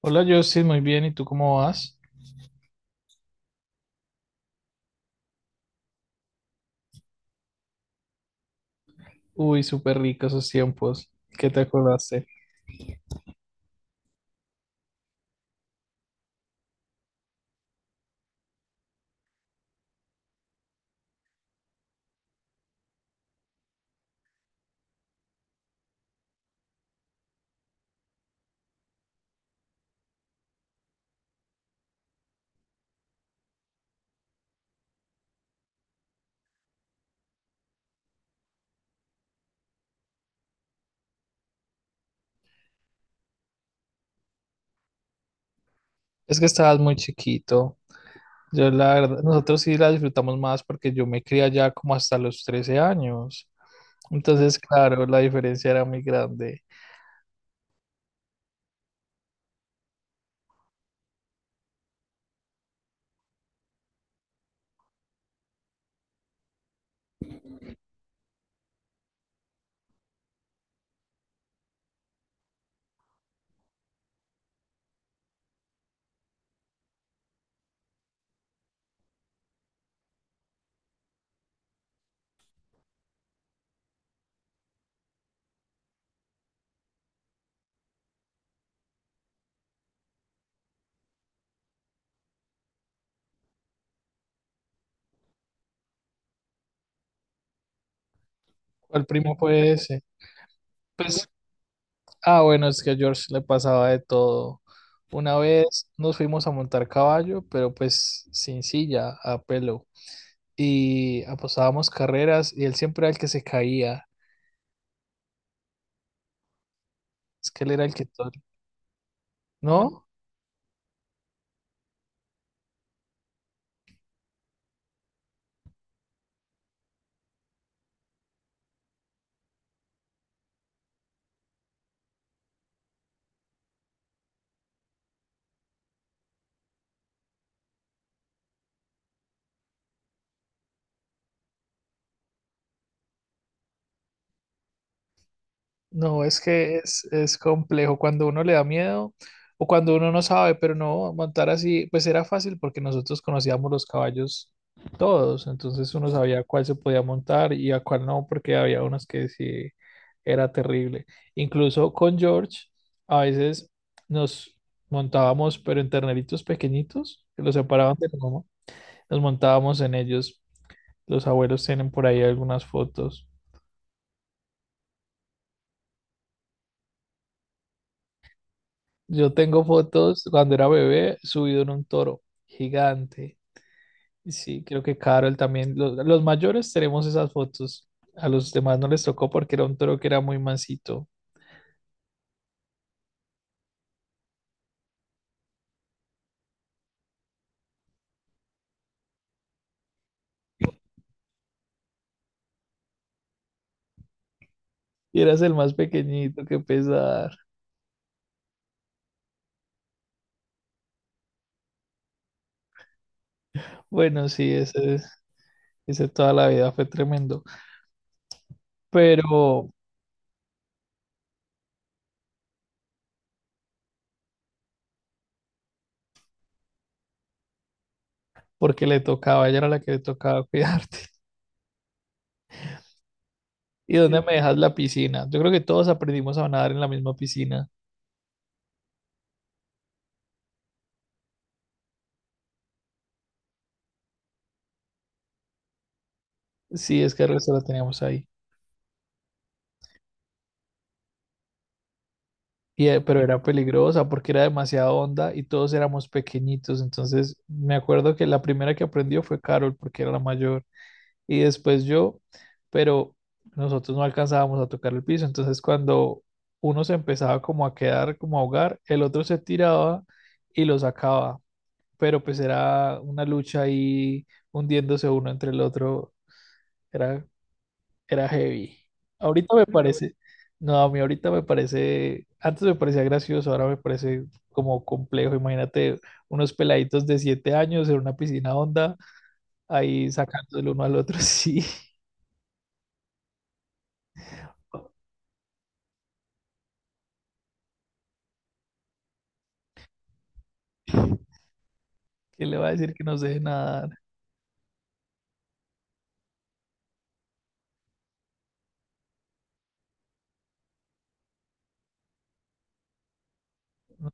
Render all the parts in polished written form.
Hola, Justin, muy bien. ¿Y tú cómo vas? Uy, súper rico esos tiempos. ¿Qué te acordaste? Es que estabas muy chiquito. Yo, la verdad, nosotros sí la disfrutamos más porque yo me crié allá como hasta los 13 años. Entonces, claro, la diferencia era muy grande. ¿Cuál primo fue ese? Pues, ah, bueno, es que a George le pasaba de todo. Una vez nos fuimos a montar caballo, pero pues sin silla, a pelo. Y apostábamos carreras y él siempre era el que se caía. Es que él era el que todo. No, no, es que es complejo cuando uno le da miedo o cuando uno no sabe, pero no, montar así, pues era fácil porque nosotros conocíamos los caballos todos, entonces uno sabía cuál se podía montar y a cuál no, porque había unos que sí era terrible. Incluso con George, a veces nos montábamos, pero en terneritos pequeñitos, que los separaban de la mamá, nos montábamos en ellos. Los abuelos tienen por ahí algunas fotos. Yo tengo fotos cuando era bebé subido en un toro gigante. Y sí, creo que Carol también. Los mayores tenemos esas fotos. A los demás no les tocó porque era un toro que era muy mansito. Y eras el más pequeñito, que pesar. Bueno, sí, ese toda la vida fue tremendo. Pero porque le tocaba, ella era la que le tocaba cuidarte. ¿Y dónde me dejas la piscina? Yo creo que todos aprendimos a nadar en la misma piscina. Sí, es que el resto la teníamos ahí. Y, pero era peligrosa porque era demasiado honda y todos éramos pequeñitos. Entonces me acuerdo que la primera que aprendió fue Carol porque era la mayor y después yo, pero nosotros no alcanzábamos a tocar el piso. Entonces cuando uno se empezaba como a quedar, como a ahogar, el otro se tiraba y lo sacaba. Pero pues era una lucha ahí hundiéndose uno entre el otro. Era, era heavy. Ahorita me parece, no, a mí ahorita me parece, antes me parecía gracioso, ahora me parece como complejo. Imagínate unos peladitos de 7 años en una piscina honda, ahí sacando el uno al otro, sí. ¿Quién le va a decir que no se deje nadar? No.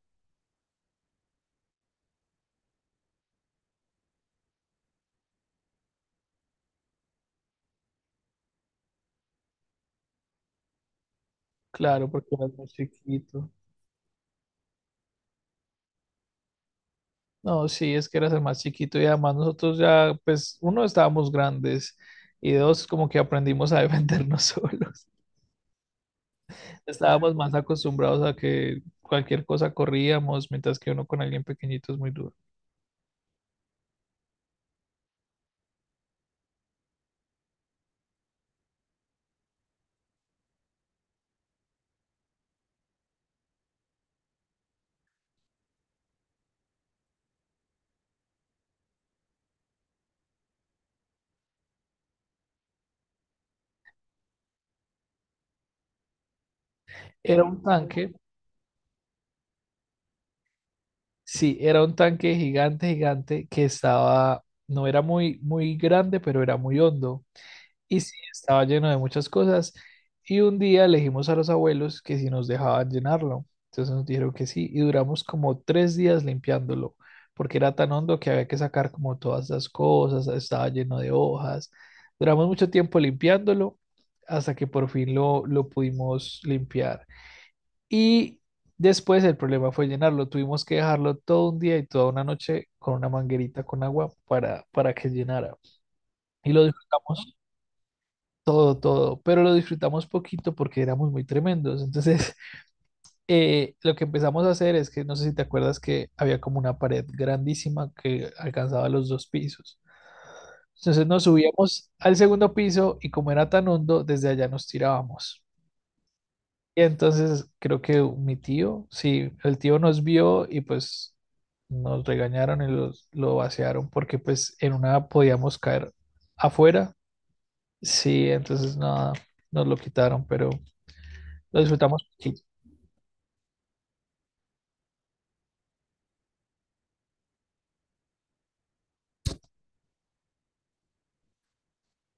Claro, porque eras más chiquito. No, sí, es que eras el más chiquito y además nosotros ya, pues, uno, estábamos grandes y dos, como que aprendimos a defendernos solos. Estábamos más acostumbrados a que cualquier cosa corríamos, mientras que uno con alguien pequeñito es muy duro. Era un tanque, sí, era un tanque gigante, gigante, que estaba, no era muy, muy grande, pero era muy hondo. Y sí, estaba lleno de muchas cosas. Y un día le dijimos a los abuelos que si nos dejaban llenarlo. Entonces nos dijeron que sí. Y duramos como 3 días limpiándolo, porque era tan hondo que había que sacar como todas las cosas. Estaba lleno de hojas. Duramos mucho tiempo limpiándolo hasta que por fin lo pudimos limpiar. Y después el problema fue llenarlo. Tuvimos que dejarlo todo un día y toda una noche con una manguerita con agua para que llenara. Y lo disfrutamos todo, todo, pero lo disfrutamos poquito porque éramos muy tremendos. Entonces, lo que empezamos a hacer es que, no sé si te acuerdas que había como una pared grandísima que alcanzaba los 2 pisos. Entonces nos subíamos al segundo piso y como era tan hondo, desde allá nos tirábamos. Y entonces creo que mi tío, sí, el tío nos vio y pues nos regañaron y los, lo vaciaron porque pues en una podíamos caer afuera. Sí, entonces nada, nos lo quitaron, pero lo disfrutamos. Sí,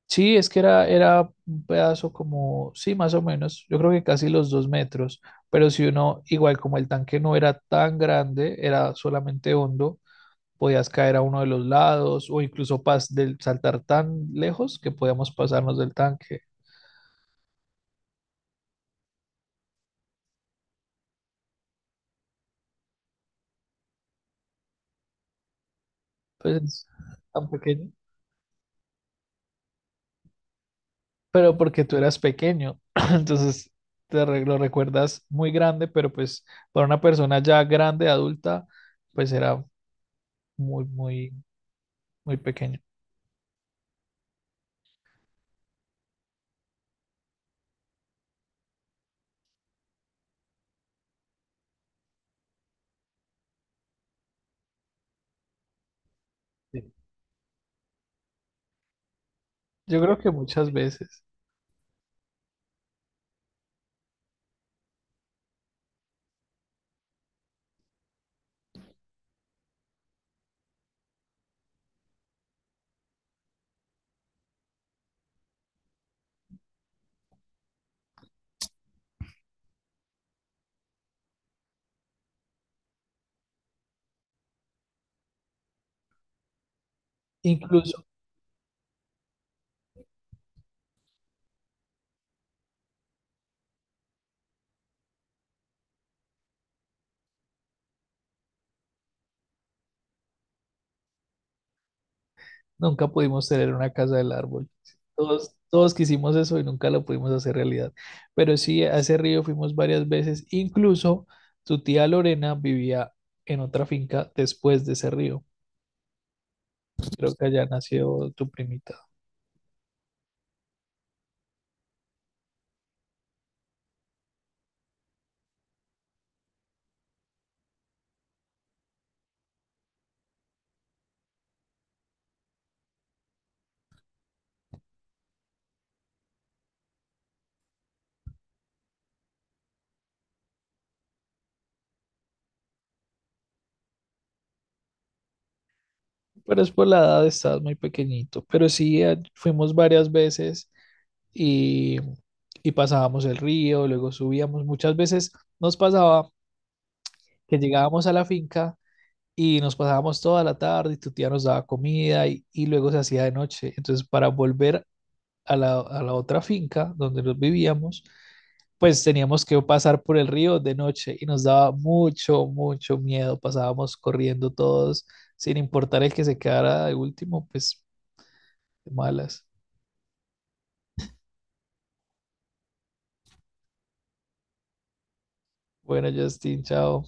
sí, es que era, era un pedazo como, sí, más o menos, yo creo que casi los 2 metros, pero si uno, igual como el tanque no era tan grande, era solamente hondo, podías caer a uno de los lados o incluso saltar tan lejos que podíamos pasarnos del tanque. Pues tan pequeño, pero porque tú eras pequeño, entonces lo recuerdas muy grande, pero pues para una persona ya grande, adulta, pues era muy, muy, muy pequeño. Yo creo que muchas veces, incluso nunca pudimos tener una casa del árbol. Todos, todos quisimos eso y nunca lo pudimos hacer realidad. Pero sí, a ese río fuimos varias veces. Incluso tu tía Lorena vivía en otra finca después de ese río. Creo que allá nació tu primita. Pero es por la edad, estabas muy pequeñito. Pero sí, fuimos varias veces y, y pasábamos el río, luego subíamos. Muchas veces nos pasaba que llegábamos a la finca y nos pasábamos toda la tarde y tu tía nos daba comida y luego se hacía de noche. Entonces, para volver a la otra finca donde nos vivíamos, pues teníamos que pasar por el río de noche y nos daba mucho, mucho miedo. Pasábamos corriendo todos, sin importar el que se quedara de último, pues de malas. Bueno, Justin, chao.